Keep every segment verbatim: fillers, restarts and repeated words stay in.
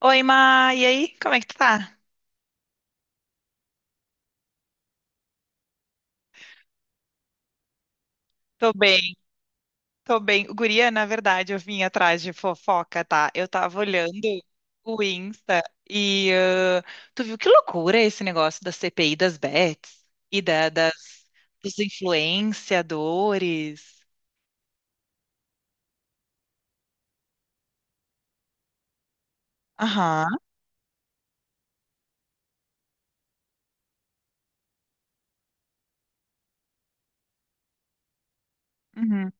Oi, Ma, e aí? Como é que tu tá? Tô bem, tô bem. Guria, na verdade, eu vim atrás de fofoca, tá? Eu tava olhando o Insta e ah, tu viu que loucura esse negócio da C P I das bets e da- das, dos influenciadores. Aham, uhum,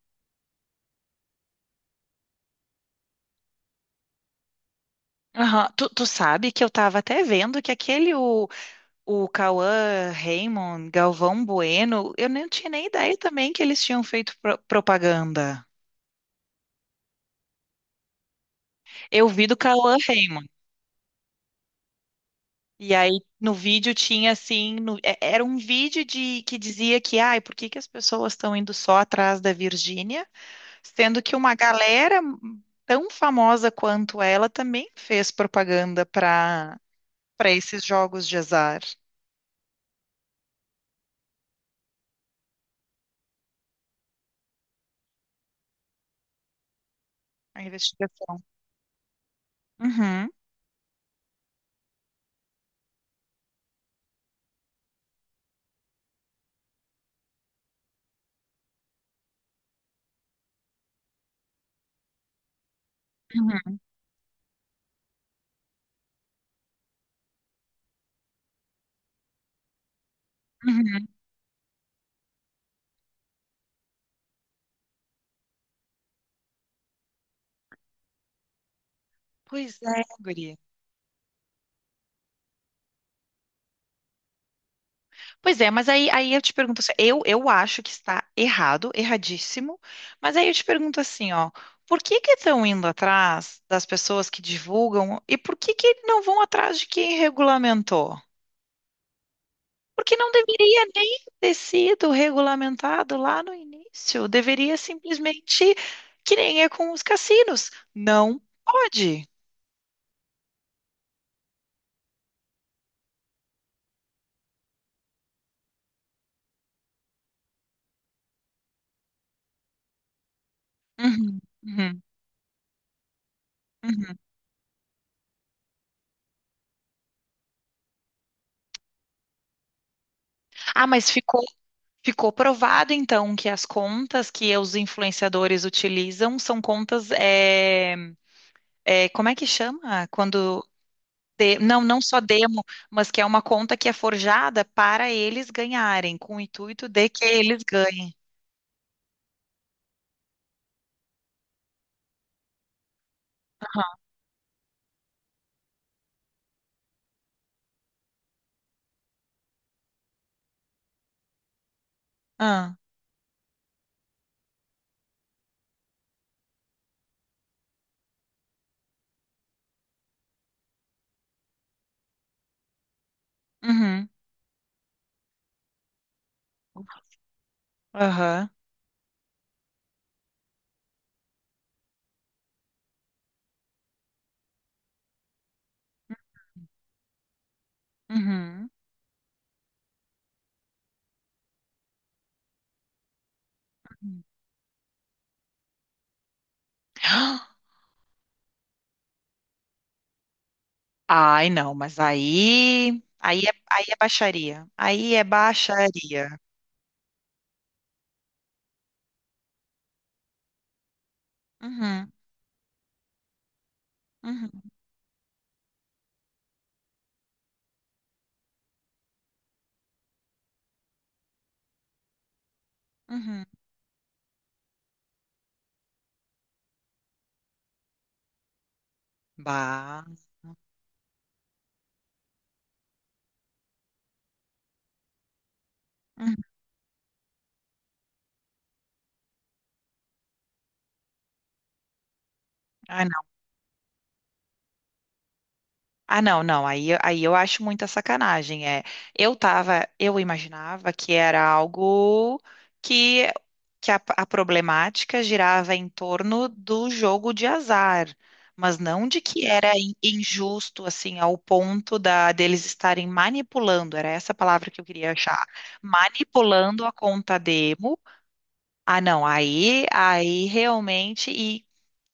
aham. Tu, tu sabe que eu tava até vendo que aquele, o, o Cauã Raymond, Galvão Bueno, eu não tinha nem ideia também que eles tinham feito pro- propaganda. Eu vi do Cauã Raymond. E aí no vídeo tinha assim, no- é- era um vídeo de que dizia que, ai, por que que as pessoas estão indo só atrás da Virgínia, sendo que uma galera tão famosa quanto ela também fez propaganda para para esses jogos de azar. A investigação. Uhum, uhum, uhum. Pois é, guria. Pois é, mas aí, aí eu te pergunto assim, eu, eu acho que está errado, erradíssimo, mas aí eu te pergunto assim, ó, por que que estão indo atrás das pessoas que divulgam e por que que não vão atrás de quem regulamentou? Porque não deveria nem ter sido regulamentado lá no início, deveria simplesmente, que nem é com os cassinos, não pode. Uhum, uhum, uhum. Ah, mas ficou Ficou provado, então, que as contas que os influenciadores utilizam são contas, é, é, como é que chama? Quando de- não, não só demo, mas que é uma conta que é forjada para eles ganharem, com o intuito de que eles ganhem. Ah, uhum, aham, uhum, uhum. Ai, não, mas aí, aí é, aí é baixaria. Aí é baixaria. Uhum, uhum, uhum. Bah. Uhum. Ai, ah, não, não. Aí, aí eu acho muita sacanagem. É, eu tava, eu imaginava que era algo que, que a, a problemática girava em torno do jogo de azar, mas não de que era in- injusto assim ao ponto da deles estarem manipulando. Era essa a palavra que eu queria achar, manipulando a conta demo. Ah, não. Aí, aí realmente.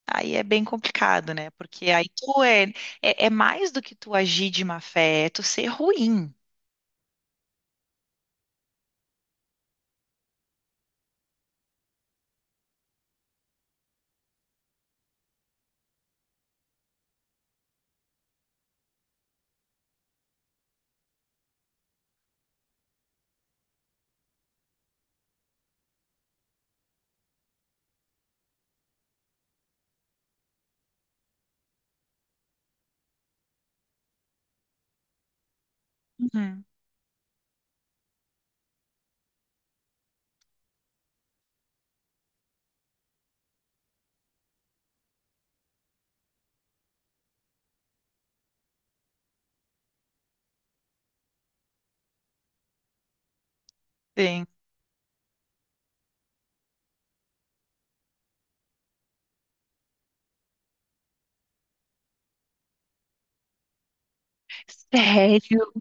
Aí é bem complicado, né? Porque aí tu é, é, é mais do que tu agir de má fé, é tu ser ruim. Uhum. Sim. Sério?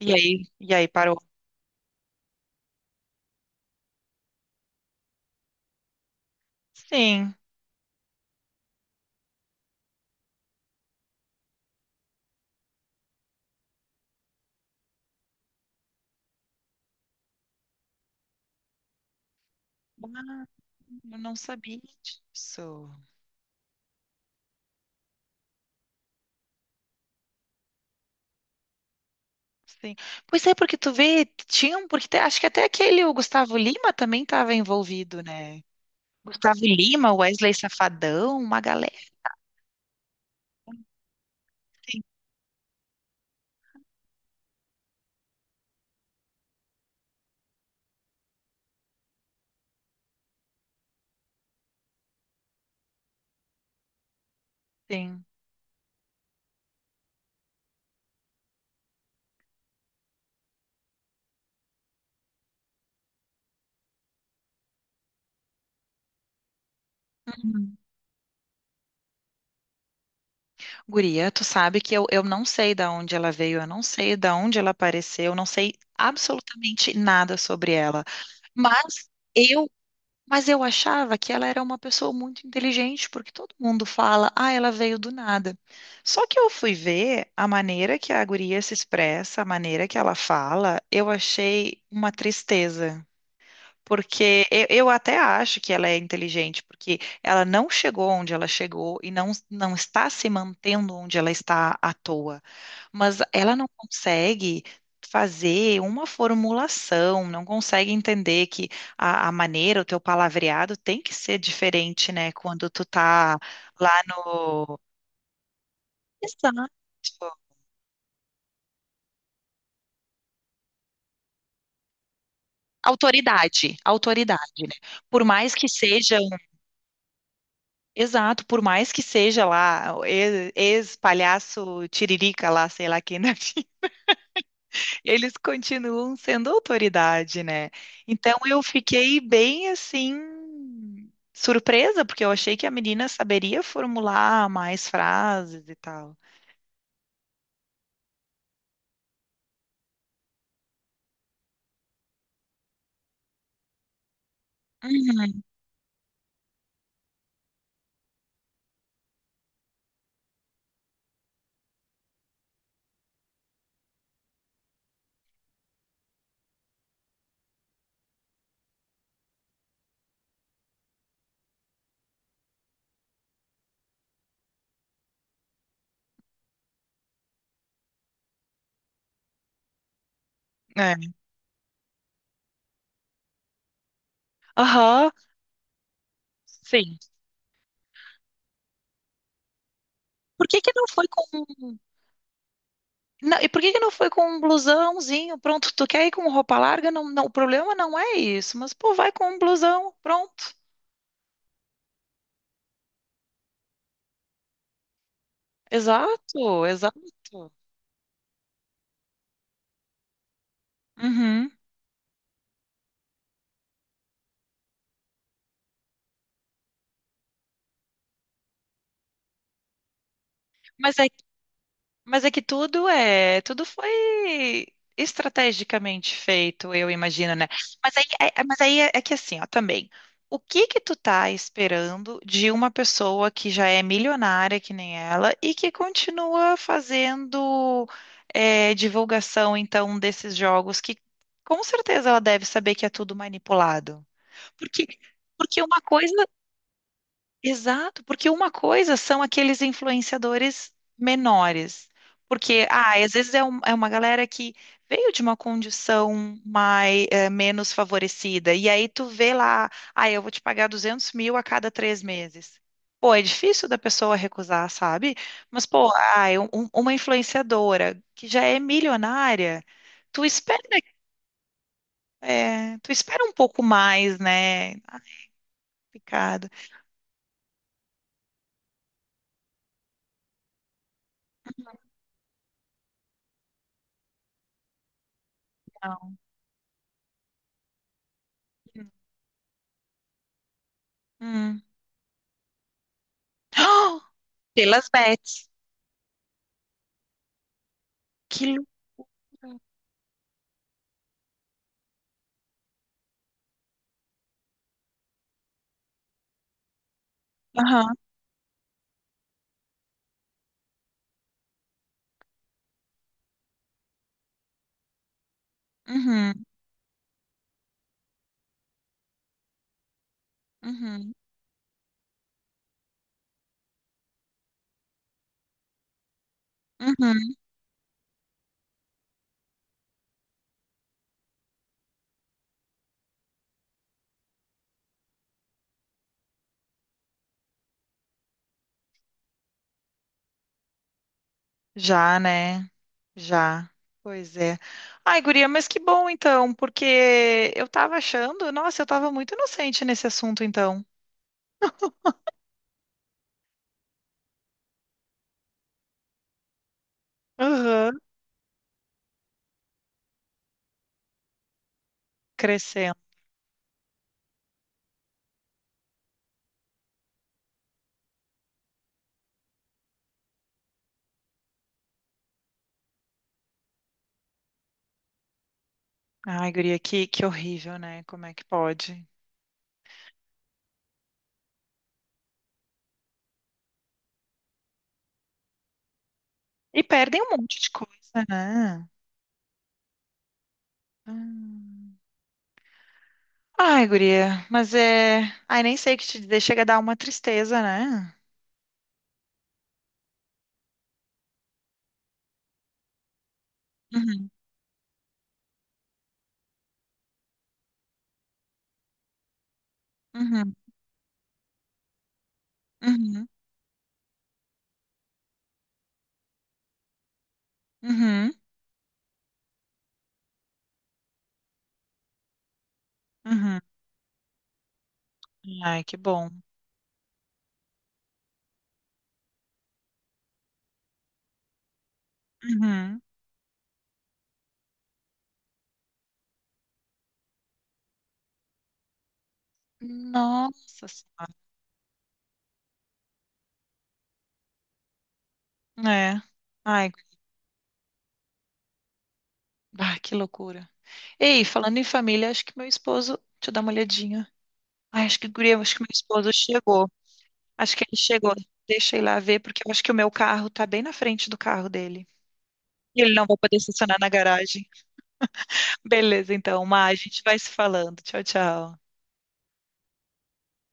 E aí, e aí parou? Sim. Ah, eu não sabia disso. Sim. Pois é, porque tu vê, tinham, porque te- acho que até aquele, o Gustavo Lima também estava envolvido, né? Gustavo Lima, Wesley Safadão, uma galera. Sim. Sim. Guria, tu sabe que eu, eu não sei da onde ela veio, eu não sei da onde ela apareceu, eu não sei absolutamente nada sobre ela. Mas eu, mas eu achava que ela era uma pessoa muito inteligente, porque todo mundo fala, ah, ela veio do nada. Só que eu fui ver a maneira que a guria se expressa, a maneira que ela fala, eu achei uma tristeza. Porque eu, eu até acho que ela é inteligente, porque ela não chegou onde ela chegou e não, não está se mantendo onde ela está à toa. Mas ela não consegue fazer uma formulação, não consegue entender que a, a maneira, o teu palavreado tem que ser diferente, né? Quando tu tá lá no. Exato. Autoridade, autoridade, né? Por mais que seja exato, por mais que seja lá o ex- ex-palhaço Tiririca lá, sei lá quem, né? Eles continuam sendo autoridade, né? Então eu fiquei bem assim surpresa, porque eu achei que a menina saberia formular mais frases e tal. Uhum, é. Aham, sim. Por que que não foi com não, e por que que não foi com um blusãozinho? Pronto, tu quer ir com roupa larga? Não, não, o problema não é isso, mas pô, vai com um blusão, pronto. Exato, exato. Uhum. Mas é, mas é que tudo é, tudo foi estrategicamente feito, eu imagino, né? Mas aí, é, é- mas aí é, é que assim, ó, também. O que que tu tá esperando de uma pessoa que já é milionária que nem ela e que continua fazendo é, divulgação, então, desses jogos que com certeza ela deve saber que é tudo manipulado. Porque, porque uma coisa Exato, porque uma coisa são aqueles influenciadores menores. Porque, ah, às vezes é, um- é uma galera que veio de uma condição mais, eh, menos favorecida. E aí tu vê lá, ah, eu vou te pagar duzentos mil a cada três meses. Pô, é difícil da pessoa recusar, sabe? Mas, pô, ah, eu- um- uma influenciadora que já é milionária, tu espera, eh, tu espera um pouco mais, né? Ah, picado. Não. Hum. Pelas bets. Que loucura. Aham. Uhum. Uhum. Uhum. Já, né? Já. Pois é. Ai, guria, mas que bom então, porque eu tava achando, nossa, eu tava muito inocente nesse assunto então. Aham. Crescendo. Ai, guria, que, que horrível, né? Como é que pode? E perdem um monte de coisa, né? Hum. Ai, guria, mas é. Ai, nem sei o que te dizer, chega a dar uma tristeza, né? Uhum, uhum, uhum, uhum, uhum. Ai, que bom. Uhum. Nossa Senhora. É. Ai, bah, que loucura. Ei, falando em família, acho que meu esposo. Deixa eu dar uma olhadinha. Ai, acho que, guria, acho que meu esposo chegou. Acho que ele chegou. Deixa eu ir lá ver, porque eu acho que o meu carro tá bem na frente do carro dele. E ele não vai poder estacionar na garagem. Beleza, então, Má, a gente vai se falando. Tchau, tchau.